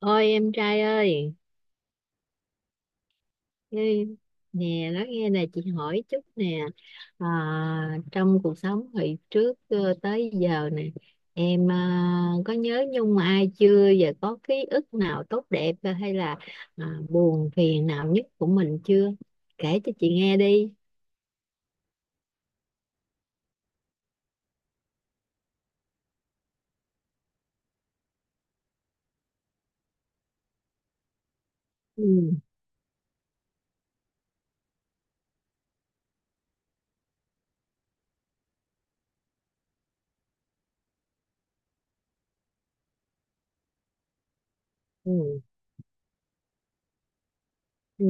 Ôi em trai ơi, ê, nè nói nghe nè, chị hỏi chút nè, trong cuộc sống hồi trước tới giờ nè, em à, có nhớ nhung ai chưa và có ký ức nào tốt đẹp, hay là buồn phiền nào nhất của mình chưa? Kể cho chị nghe đi. Ừ. Ừ.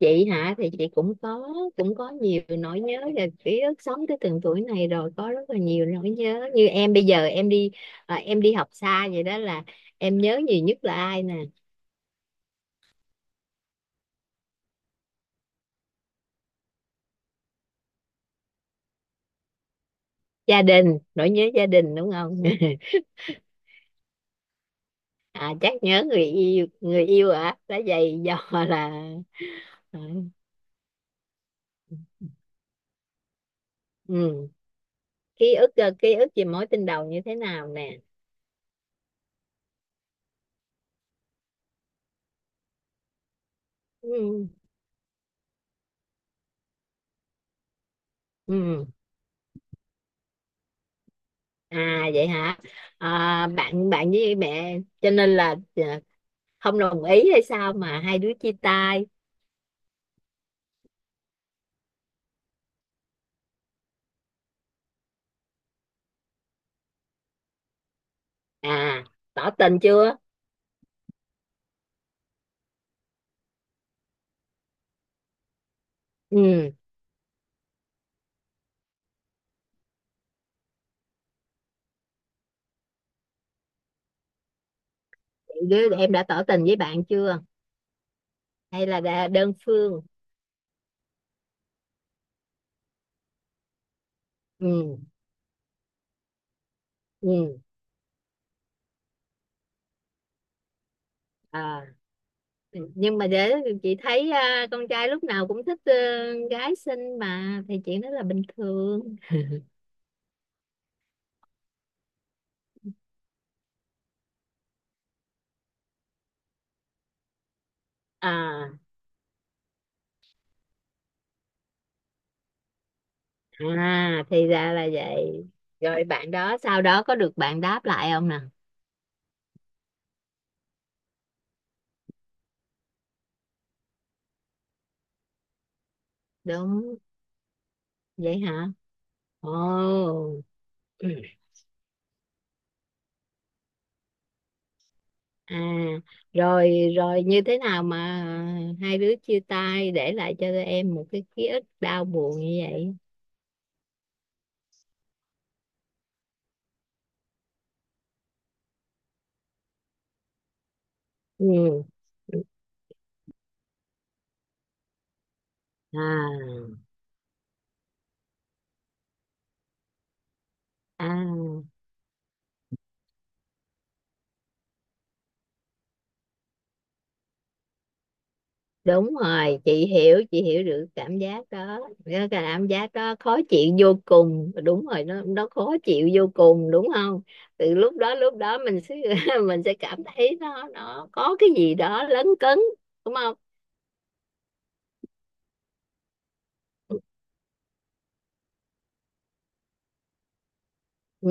Chị hả? Thì chị cũng có nhiều nỗi nhớ, là ký ức sống tới từng tuổi này rồi có rất là nhiều nỗi nhớ. Như em bây giờ em đi, em đi học xa vậy đó là em nhớ nhiều nhất là ai nè? Gia đình, nỗi nhớ gia đình đúng không? Chắc nhớ người yêu, người yêu hả, đã vậy do là ừ. Ừ. Ký ức, ký ức về mối tình đầu như thế nào nè? Ừ. Ừ. À, vậy hả? À, bạn bạn với mẹ cho nên là, không đồng ý hay sao mà hai đứa chia tay? À, tỏ tình chưa? Ừ. Đứa em đã tỏ tình với bạn chưa, hay là đã đơn phương? Ừ. Ừ. À. Nhưng mà để chị thấy, con trai lúc nào cũng thích, gái xinh mà, thì chuyện đó là bình thường. À à, thì ra là vậy. Rồi bạn đó sau đó có được bạn đáp lại không nè? Đúng. Vậy hả? Ồ. Ừ. À, rồi rồi, như thế nào mà hai đứa chia tay để lại cho em một cái ký ức đau buồn như vậy? Ừ. À, à. Đúng rồi, chị hiểu được cảm giác đó, cái cảm giác đó khó chịu vô cùng, đúng rồi, nó khó chịu vô cùng đúng không? Từ lúc đó, lúc đó mình sẽ mình sẽ cảm thấy nó có cái gì đó lấn cấn, đúng không? Ừ,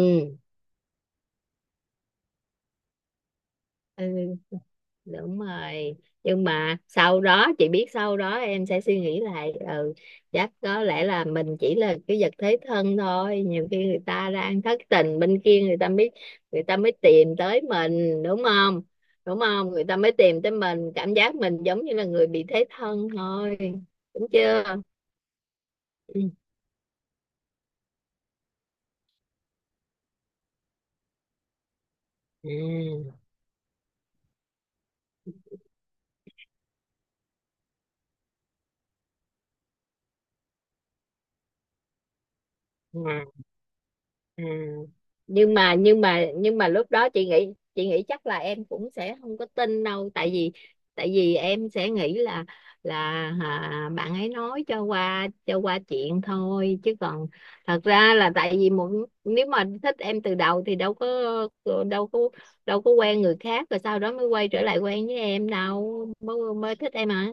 ừ. Đúng rồi. Nhưng mà sau đó chị biết, sau đó em sẽ suy nghĩ lại. Ừ, chắc có lẽ là mình chỉ là cái vật thế thân thôi, nhiều khi người ta đang thất tình bên kia người ta mới, người ta mới tìm tới mình, đúng không? Đúng không, người ta mới tìm tới mình, cảm giác mình giống như là người bị thế thân thôi. Đúng chưa? Ừ. À, à. À. nhưng mà lúc đó chị nghĩ, chị nghĩ chắc là em cũng sẽ không có tin đâu, tại vì, tại vì em sẽ nghĩ là bạn ấy nói cho qua, cho qua chuyện thôi, chứ còn thật ra là tại vì một, nếu mà thích em từ đầu thì đâu có, đâu có đâu có quen người khác rồi sau đó mới quay trở lại quen với em đâu, mới mới thích em hả?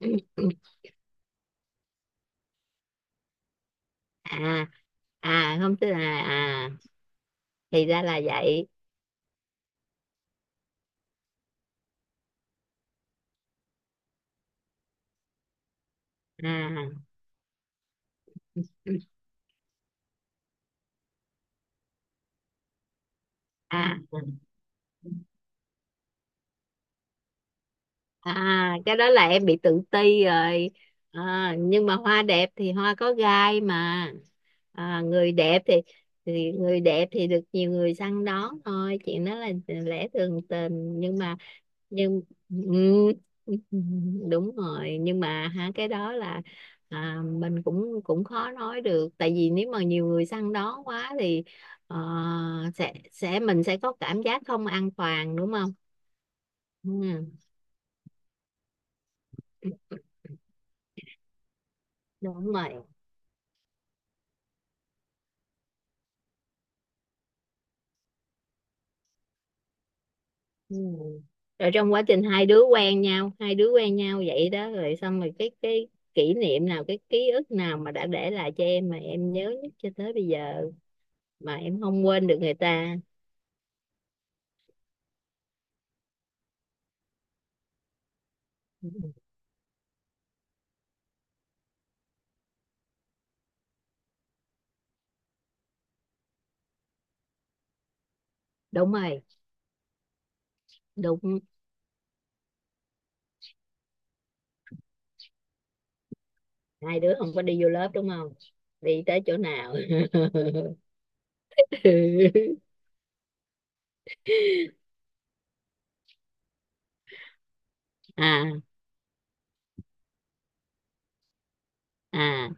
à à, không tức là, thì ra là vậy. À à à, cái đó là em bị tự ti rồi. Nhưng mà hoa đẹp thì hoa có gai mà, người đẹp thì người đẹp thì được nhiều người săn đón thôi, chuyện đó là lẽ thường tình. Nhưng mà nhưng ừ, đúng rồi. Nhưng mà hả, cái đó là, mình cũng cũng khó nói được, tại vì nếu mà nhiều người săn đón quá thì, ờ, sẽ mình sẽ có cảm giác không an toàn đúng không? Ừ, đúng rồi. Ừ. Rồi trong quá trình hai đứa quen nhau, hai đứa quen nhau vậy đó, rồi xong rồi cái kỷ niệm nào, cái ký ức nào mà đã để lại cho em mà em nhớ nhất cho tới bây giờ, mà em không quên được người ta? Đúng rồi. Đúng. Hai đứa không có đi vô lớp đúng không? Đi tới chỗ nào? à à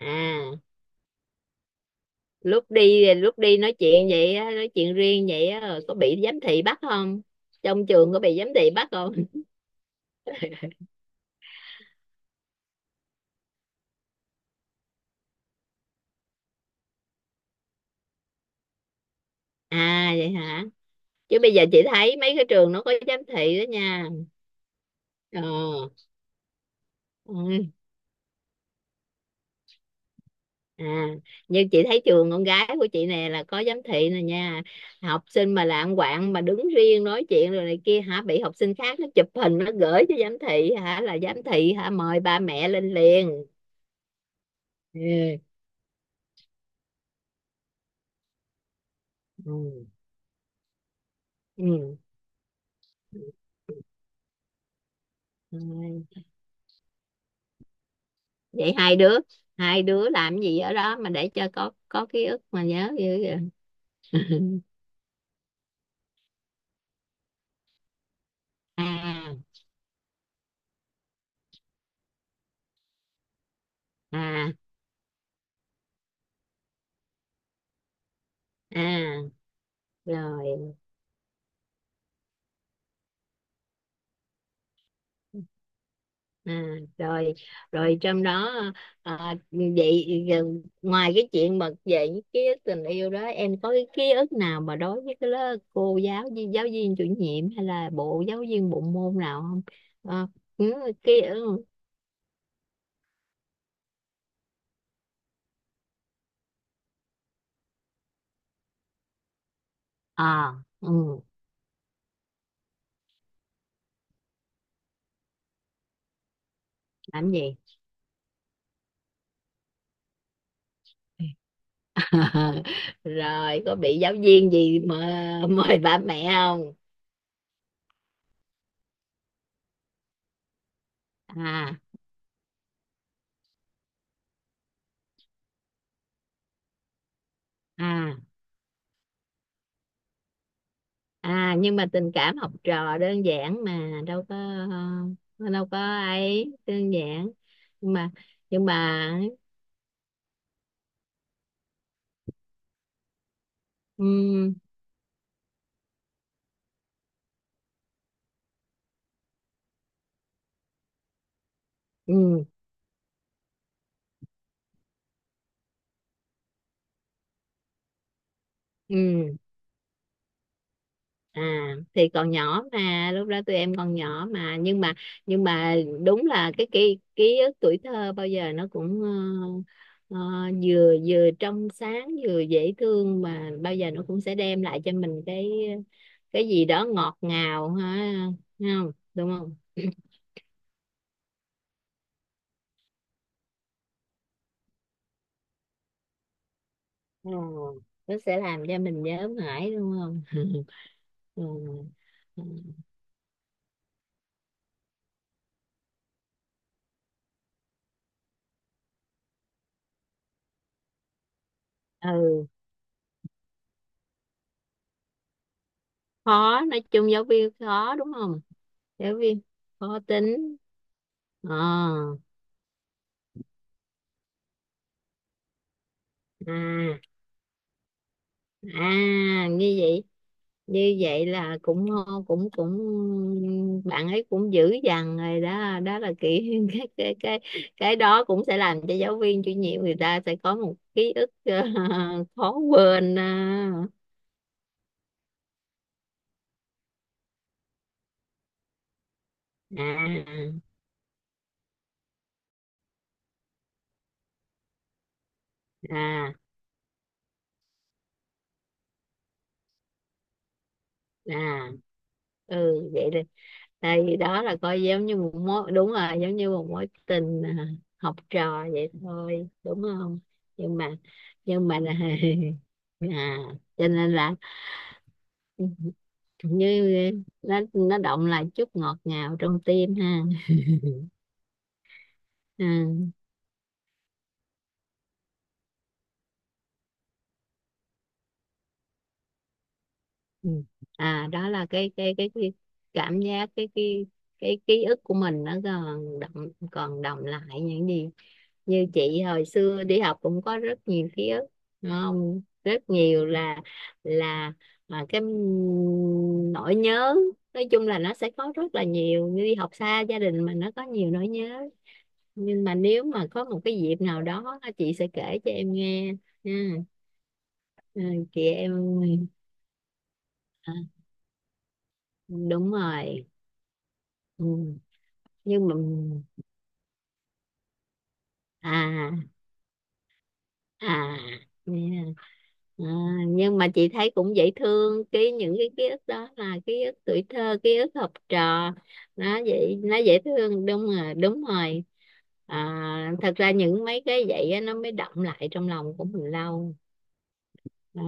à lúc đi nói chuyện vậy á, nói chuyện riêng vậy á, rồi có bị giám thị bắt không? Trong trường có bị giám thị bắt không? À, vậy hả? Chứ bây giờ chị thấy mấy cái trường nó có giám thị đó nha. Ờ. Ừ. À, như chị thấy trường con gái của chị nè là có giám thị nè nha. Học sinh mà lạng quạng mà đứng riêng nói chuyện rồi này kia hả, bị học sinh khác nó chụp hình nó gửi cho giám thị hả, là giám thị hả mời ba mẹ lên liền. Ừ. Ừ. Ừ. Ừ. Vậy hai đứa làm gì ở đó mà để cho có ký ức mà nhớ dữ vậy? à à à, rồi. À, rồi, rồi, trong đó. Vậy giờ ngoài cái chuyện mà về những ký ức tình yêu đó, em có cái ký ức nào mà đối với cái lớp, cô giáo viên chủ nhiệm, hay là giáo viên bộ môn nào không? à, ừ, ký ức. À. Ừ, làm gì rồi có bị giáo viên gì mà mời bà mẹ không? À à à, nhưng mà tình cảm học trò đơn giản mà đâu có, ờ, đâu có ấy đơn giản. Nhưng mà nhưng mà ừ, ừ, ừ. À, thì còn nhỏ mà lúc đó tụi em còn nhỏ mà. Nhưng mà đúng là cái ký ký ức tuổi thơ bao giờ nó cũng, ờ, vừa vừa trong sáng vừa dễ thương, mà bao giờ nó cũng sẽ đem lại cho mình cái gì đó ngọt ngào ha. Thấy không đúng không? Ừ, nó sẽ làm cho mình nhớ mãi đúng không? Ừ. Ừ, ừ. Khó, nói chung giáo viên khó đúng không? Giáo viên khó tính. Ờ. à, Như vậy, như vậy là cũng cũng cũng bạn ấy cũng dữ dằn rồi đó, đó là kỹ cái đó cũng sẽ làm cho giáo viên chủ nhiệm người ta sẽ có một ký ức khó quên. Ờ. À, à, à. Ừ vậy là tại vì đó là coi giống như một mối, đúng rồi, giống như một mối tình, học trò vậy thôi đúng không? Nhưng mà nhưng mà là à, cho nên là như nó động lại chút ngọt ngào trong tim ha. Ừ. Ừ. À, đó là cái cảm giác, cái ký ức của mình nó còn đọng, còn đọng lại những gì. Như chị hồi xưa đi học cũng có rất nhiều ký ức đúng không, rất nhiều. Là Mà cái nỗi nhớ nói chung là nó sẽ có rất là nhiều, như đi học xa gia đình mà nó có nhiều nỗi nhớ, nhưng mà nếu mà có một cái dịp nào đó chị sẽ kể cho em nghe nha. Ừ, chị em, à, đúng rồi. Ừ. Nhưng mà à à nè. à, nhưng mà chị thấy cũng dễ thương, những cái ký ức đó là ký ức tuổi thơ, ký ức học trò, nó dễ thương, đúng rồi, đúng rồi. Thật ra những mấy cái vậy á, nó mới đọng lại trong lòng của mình lâu đó.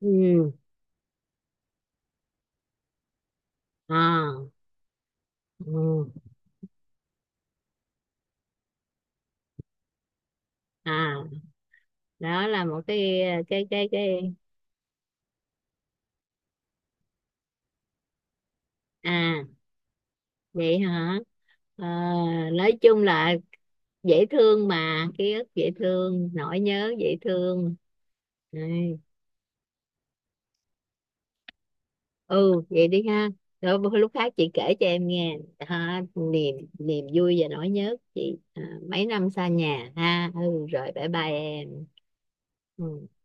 Ừ. À. Ừ. À, đó là một cái. À, vậy hả? Ờ, nói chung là dễ thương mà, ký ức dễ thương, nỗi nhớ dễ thương. Đấy. Ừ, vậy đi ha. Rồi lúc khác chị kể cho em nghe ha, niềm niềm vui và nỗi nhớ của chị, mấy năm xa nhà ha, ừ rồi bye bye em. Ừ.